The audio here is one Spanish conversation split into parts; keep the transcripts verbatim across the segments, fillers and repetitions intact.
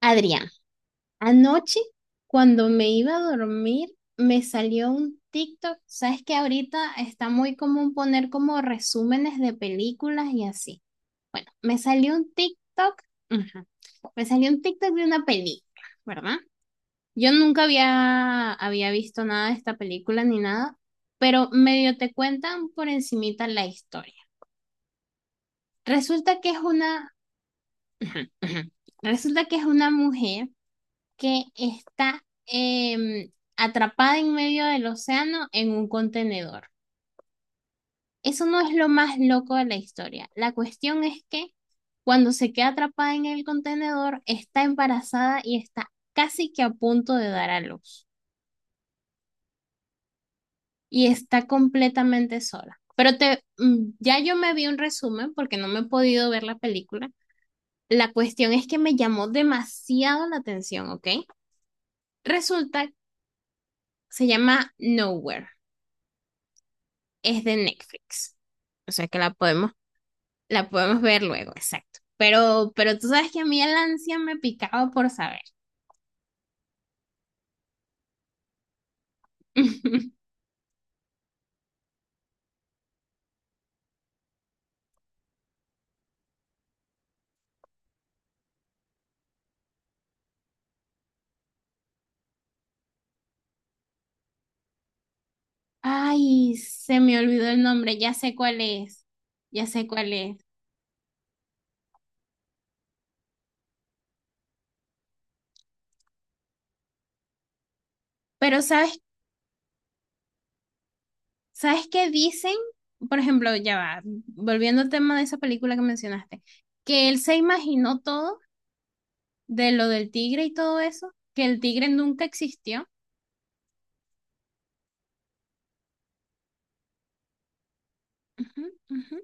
Adrián, anoche cuando me iba a dormir me salió un TikTok. Sabes que ahorita está muy común poner como resúmenes de películas y así. Bueno, me salió un TikTok, ujú, me salió un TikTok de una película, ¿verdad? Yo nunca había, había visto nada de esta película ni nada, pero medio te cuentan por encimita la historia. Resulta que es una, ujú, ujú, resulta que es una mujer que está em, atrapada en medio del océano en un contenedor. Eso no es lo más loco de la historia. La cuestión es que cuando se queda atrapada en el contenedor, está embarazada y está casi que a punto de dar a luz y está completamente sola. Pero te, mm, ya yo me vi un resumen porque no me he podido ver la película. La cuestión es que me llamó demasiado la atención, ¿ok? Resulta, se llama Nowhere, es de Netflix. O sea que la podemos, la podemos ver luego, exacto. Pero, pero tú sabes que a mí el ansia me picaba por saber. Ay, se me olvidó el nombre, ya sé cuál es, ya sé cuál es. Pero sabes, ¿sabes qué dicen? Por ejemplo, ya va, volviendo al tema de esa película que mencionaste, que él se imaginó todo de lo del tigre y todo eso, que el tigre nunca existió. Ujú, ujú.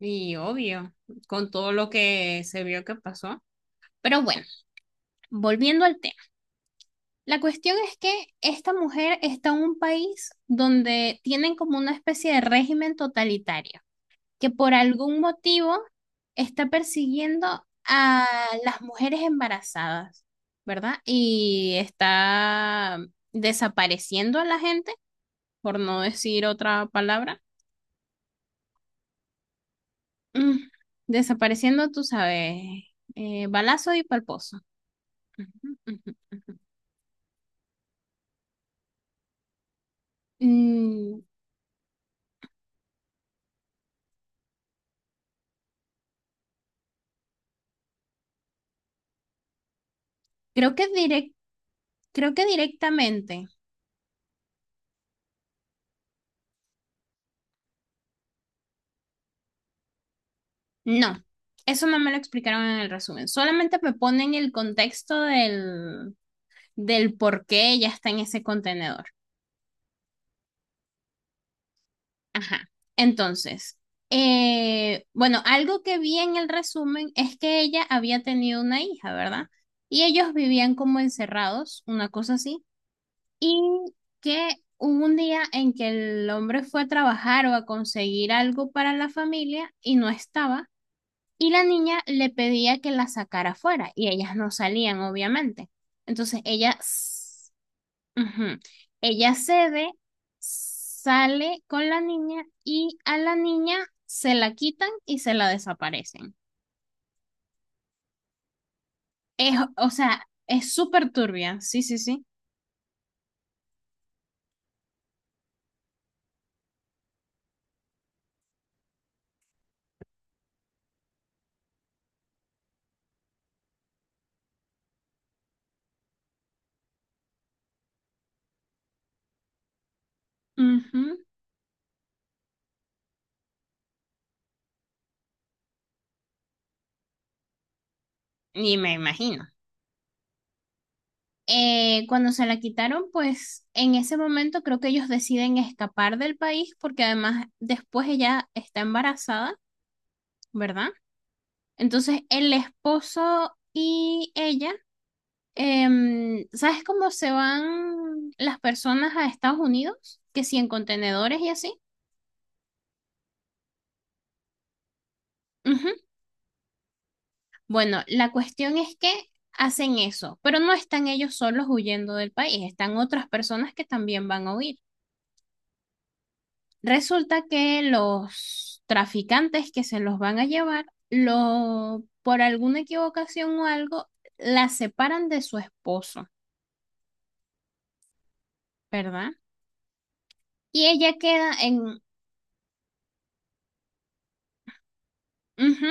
Y obvio, con todo lo que se vio que pasó. Pero bueno, volviendo al tema. La cuestión es que esta mujer está en un país donde tienen como una especie de régimen totalitario, que por algún motivo está persiguiendo a las mujeres embarazadas, ¿verdad? Y está desapareciendo a la gente, por no decir otra palabra. Mm, Desapareciendo, tú sabes, eh, balazo y palposo. Ujú, ujú, ujú. Mm, creo que direc- creo que directamente. No, eso no me lo explicaron en el resumen. Solamente me ponen el contexto del, del por qué ella está en ese contenedor. Ajá. Entonces, eh, bueno, algo que vi en el resumen es que ella había tenido una hija, ¿verdad? Y ellos vivían como encerrados, una cosa así, y que hubo un día en que el hombre fue a trabajar o a conseguir algo para la familia y no estaba. Y la niña le pedía que la sacara fuera y ellas no salían, obviamente. Entonces ella, s- ujú, ella cede, sale con la niña y a la niña se la quitan y se la desaparecen. Es, o sea, es súper turbia, sí, sí, sí. Ujú. Y me imagino. Eh, cuando se la quitaron, pues en ese momento creo que ellos deciden escapar del país porque además después ella está embarazada, ¿verdad? Entonces, el esposo y ella, em, ¿sabes cómo se van las personas a Estados Unidos? Que si en contenedores y así. Ujú. Bueno, la cuestión es que hacen eso, pero no están ellos solos huyendo del país, están otras personas que también van a huir. Resulta que los traficantes que se los van a llevar, lo, por alguna equivocación o algo, la separan de su esposo, ¿verdad? Y ella queda en ujú.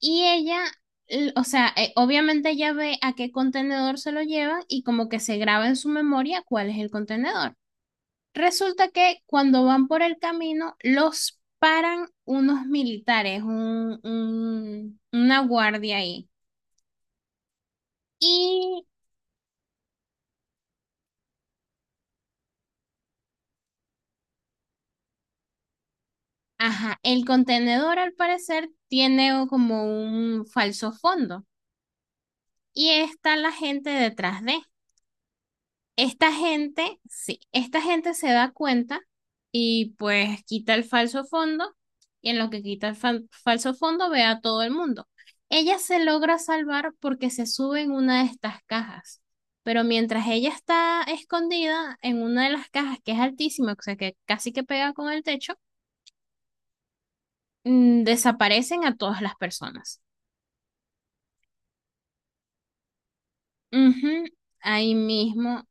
Y ella, l- o sea, eh, obviamente ella ve a qué contenedor se lo llevan y como que se graba en su memoria cuál es el contenedor. Resulta que cuando van por el camino, los paran unos militares, un, un- una guardia ahí. Y, ajá, el contenedor al parecer tiene como un falso fondo y está la gente detrás de. Esta gente, sí, esta gente se da cuenta y pues quita el falso fondo y en lo que quita el fal- falso fondo ve a todo el mundo. Ella se logra salvar porque se sube en una de estas cajas, pero mientras ella está escondida en una de las cajas que es altísima, o sea que casi que pega con el techo, mm, desaparecen a todas las personas. Ujú. Ahí mismo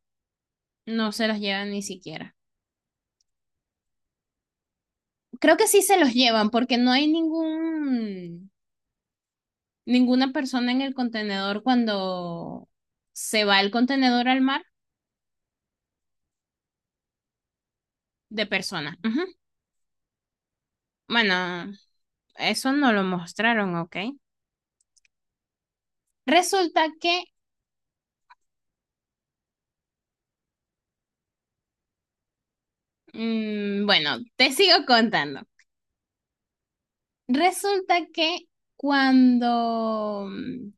no se los llevan ni siquiera. Creo que sí se los llevan porque no hay ningún. Ninguna persona en el contenedor cuando se va el contenedor al mar de personas. Ujú. Bueno, eso no lo mostraron, ¿ok? Resulta que, mm, bueno, te sigo contando. Resulta que cuando, mm,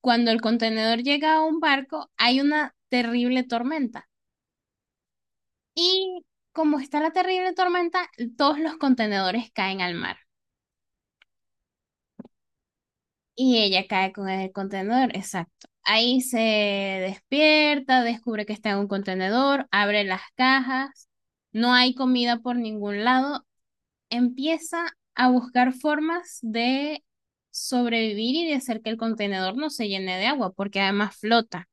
cuando el contenedor llega a un barco, hay una terrible tormenta. Y como está la terrible tormenta, todos los contenedores caen al mar. Y ella cae con el contenedor, exacto. Ahí se despierta, descubre que está en un contenedor, abre las cajas, no hay comida por ningún lado, empieza a buscar formas de sobrevivir y de hacer que el contenedor no se llene de agua, porque además flota.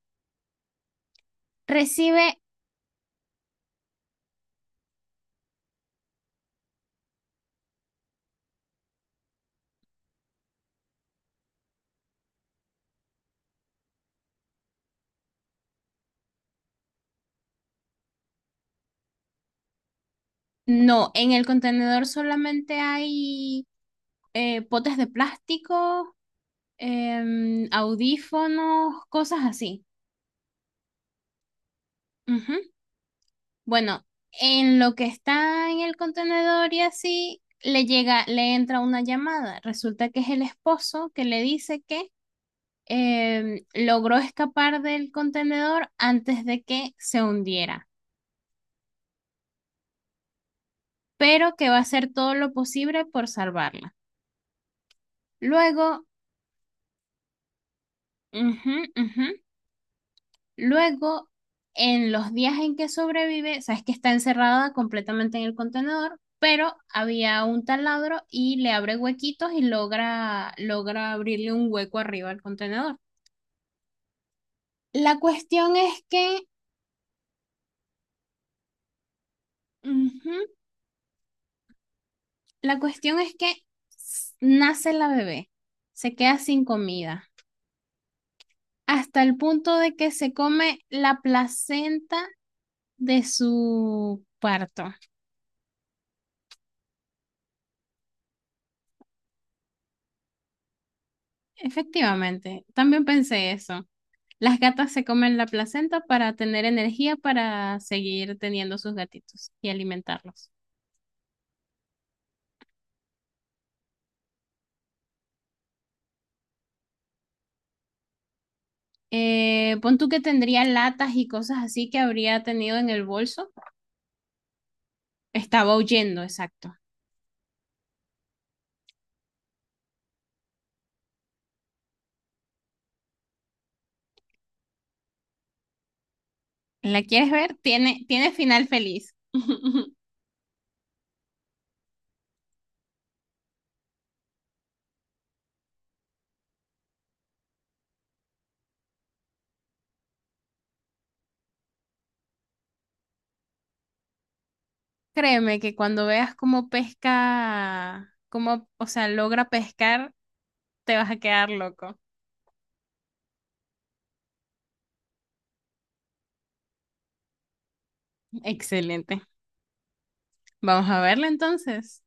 Recibe, no, en el contenedor solamente hay eh, potes de plástico, em, audífonos, cosas así. Ujú. Bueno, en lo que está en el contenedor y así, le llega, le entra una llamada. Resulta que es el esposo que le dice que em, logró escapar del contenedor antes de que se hundiera, pero que va a hacer todo lo posible por salvarla. Luego, ujú, ujú. Luego, en los días en que sobrevive, sabes que está encerrada completamente en el contenedor, pero había un taladro y le abre huequitos y logra, logra abrirle un hueco arriba al contenedor. La cuestión es que, ujú, la cuestión es que s- nace la bebé, se queda sin comida, hasta el punto de que se come la placenta de su parto. Efectivamente, también pensé eso. Las gatas se comen la placenta para tener energía para seguir teniendo sus gatitos y alimentarlos. Eh, pon tú que tendría latas y cosas así que habría tenido en el bolso. Estaba huyendo, exacto. ¿La quieres ver? Tiene, tiene final feliz. Créeme que cuando veas cómo pesca, cómo, o sea, logra pescar, te vas a quedar loco. Excelente. Vamos a verla entonces.